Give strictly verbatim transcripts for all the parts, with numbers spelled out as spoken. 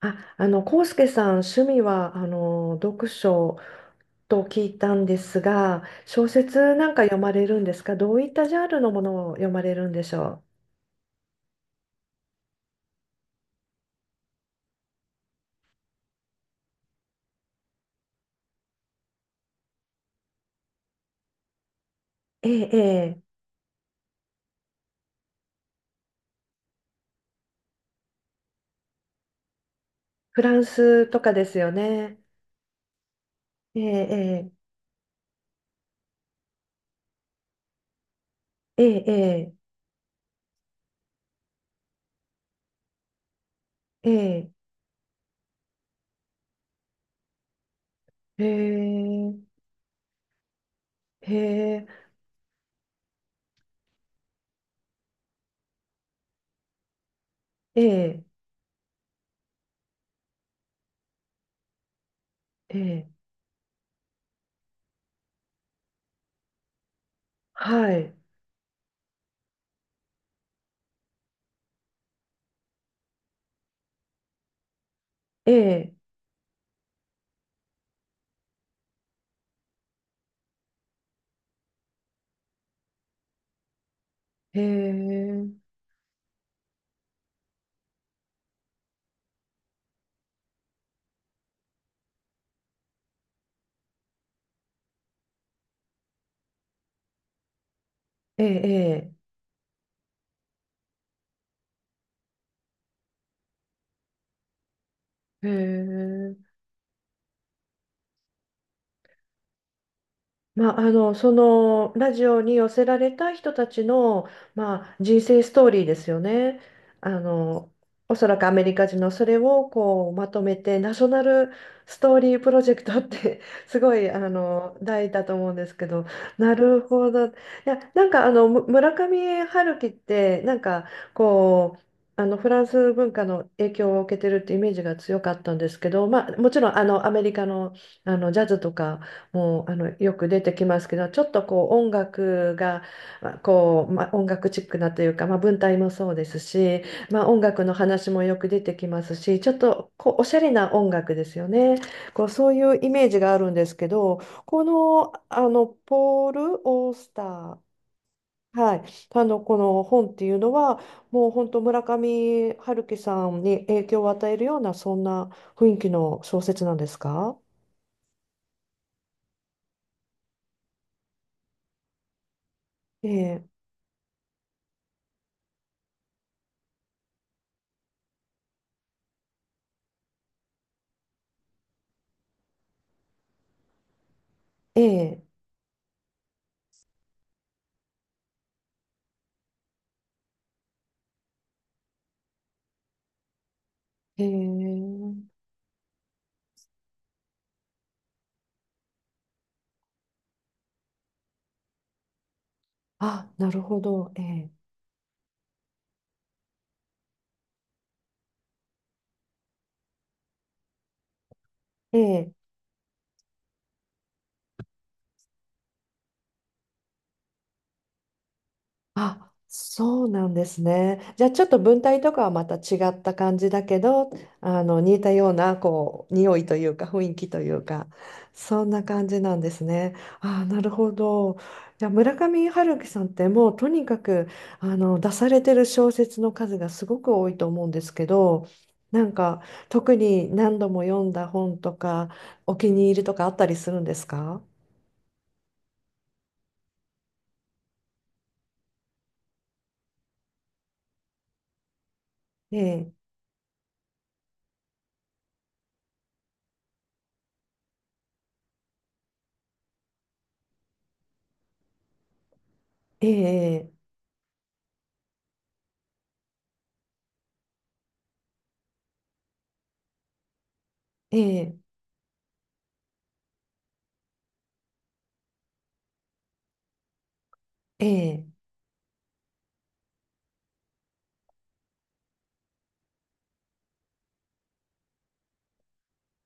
あ、あの、康介さん、趣味は、あの、読書と聞いたんですが、小説なんか読まれるんですか？どういったジャンルのものを読まれるんでしょう？ええ、ええ、フランスとかですよね。ええ、ええ、ええ、ええ、ええ、へえええ、ええ、はい、ええ、ええ、ええ、ええ、へえまあ、あの、そのラジオに寄せられた人たちの、まあ、人生ストーリーですよね。あの、おそらくアメリカ人のそれをこうまとめてナショナルストーリープロジェクトって すごいあの題だと思うんですけど、なるほど。いや、なんかあのむ村上春樹ってなんかこうあのフランス文化の影響を受けてるってイメージが強かったんですけど、まあ、もちろんあのアメリカの、あのジャズとかもうあのよく出てきますけどちょっとこう音楽がまあこう、まあ、音楽チックなというか、まあ、文体もそうですし、まあ、音楽の話もよく出てきますしちょっとこうおしゃれな音楽ですよねこうそういうイメージがあるんですけどこの、あのポール・オースター、はい、あのこの本っていうのはもう本当村上春樹さんに影響を与えるようなそんな雰囲気の小説なんですか？ええええへえ。あ、なるほど。ええ。ええ。あ、そうなんですね。じゃあちょっと文体とかはまた違った感じだけど、あの似たようなこう匂いというか雰囲気というか、そんな感じなんですね。あ、なるほど。じゃあ村上春樹さんってもうとにかくあの出されてる小説の数がすごく多いと思うんですけど、なんか特に何度も読んだ本とかお気に入りとかあったりするんですか？ええええ、ええ、ええ、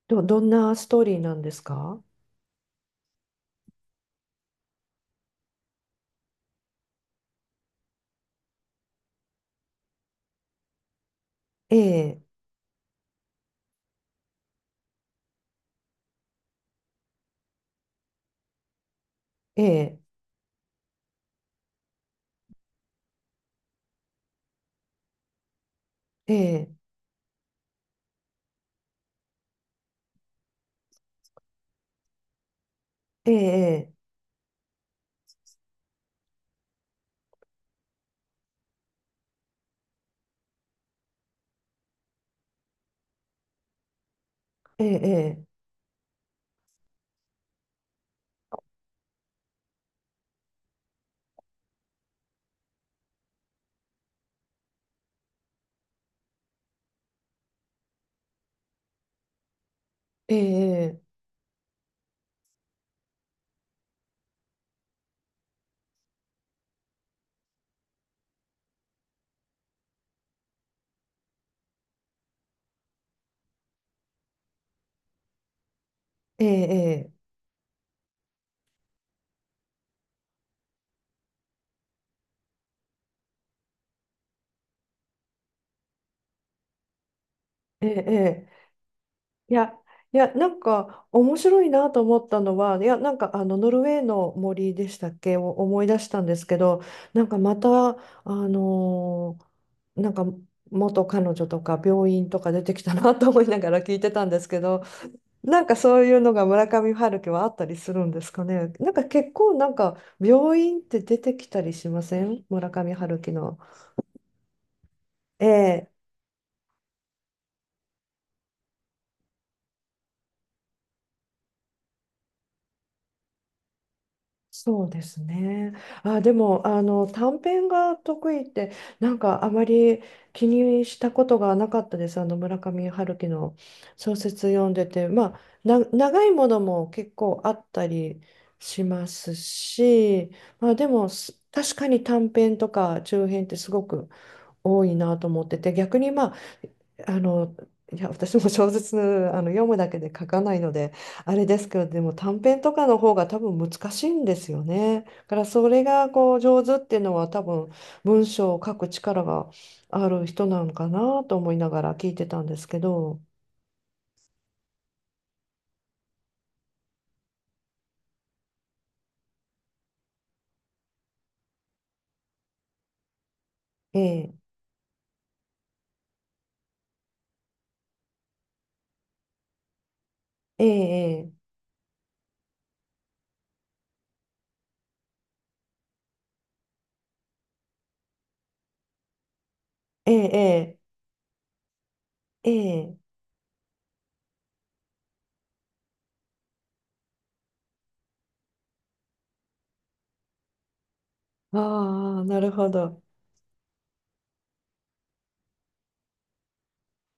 ど、どんなストーリーなんですか？ええ、ええ、ええ、ええ、ええ、ええ、ええ、ええ、ええ、いや、いや、なんか面白いなと思ったのは、いや、なんかあのノルウェーの森でしたっけを思い出したんですけど、なんかまた、あのなんか元彼女とか病院とか出てきたなと思いながら聞いてたんですけど、なんかそういうのが村上春樹はあったりするんですかね。なんか結構なんか病院って出てきたりしません村上春樹の？ええ、そうですね。あ、でもあの短編が得意ってなんかあまり気にしたことがなかったです。あの村上春樹の小説読んでて、まあな長いものも結構あったりしますし、まあでもす確かに短編とか中編ってすごく多いなと思ってて逆にまああのいや私も小説あの読むだけで書かないのであれですけどでも短編とかの方が多分難しいんですよね。だからそれがこう上手っていうのは多分文章を書く力がある人なのかなと思いながら聞いてたんですけど。ええええええええええああなるほど。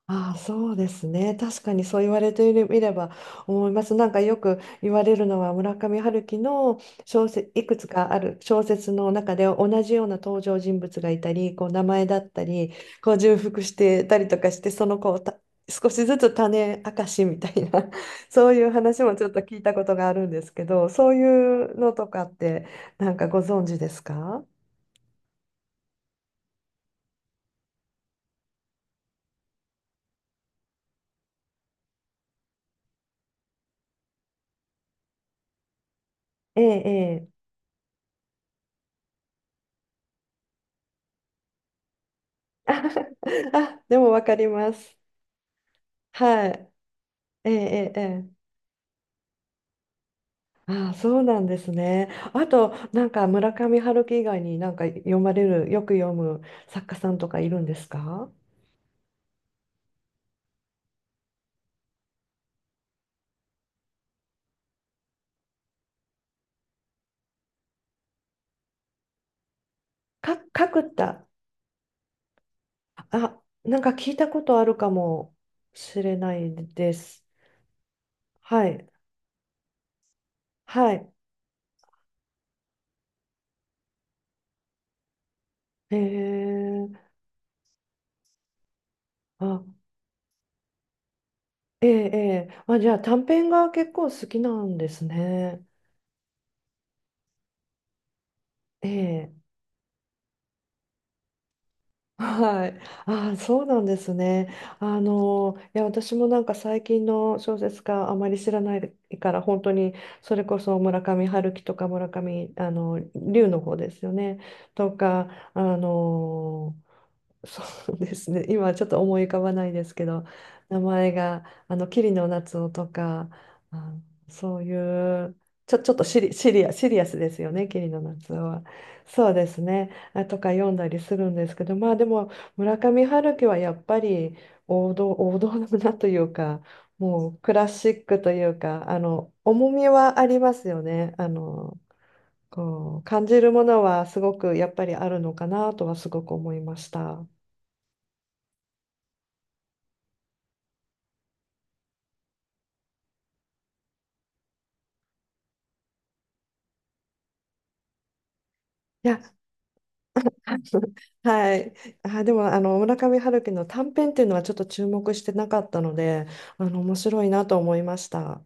ああ、そうですね。確かにそう言われてみれば思います。なんかよく言われるのは村上春樹の小説、いくつかある小説の中で同じような登場人物がいたり、こう名前だったり、こう重複してたりとかして、そのこうた少しずつ種明かしみたいな、そういう話もちょっと聞いたことがあるんですけど、そういうのとかってなんかご存知ですか？ええ、ええ。あ、でもわかります。はい。ええ、ええ、ええ。ああ、そうなんですね。あと、なんか村上春樹以外になんか読まれる、よく読む作家さんとかいるんですか？か、角田。あ、なんか聞いたことあるかもしれないです。はい。はい。ええあ、ええええあ、じゃあ短編が結構好きなんですね。ええ はい。あ、そうなんですね。あの、いや、私もなんか最近の小説家あまり知らないから、本当にそれこそ村上春樹とか村上、あの、龍の方ですよね。とか、あの、そうですね。今はちょっと思い浮かばないですけど、名前が、あの、桐野夏生とか、あそういう、ちょ、ちょっとシリ、シリア、シリアスですよね、桐野夏生は。そうですね。あとか読んだりするんですけど、まあでも、村上春樹はやっぱり王道、王道だなというか、もうクラシックというか、あの、重みはありますよね。あの、こう、感じるものはすごくやっぱりあるのかなとはすごく思いました。いや はい。あ、でも、あの、村上春樹の短編っていうのはちょっと注目してなかったので、あの、面白いなと思いました。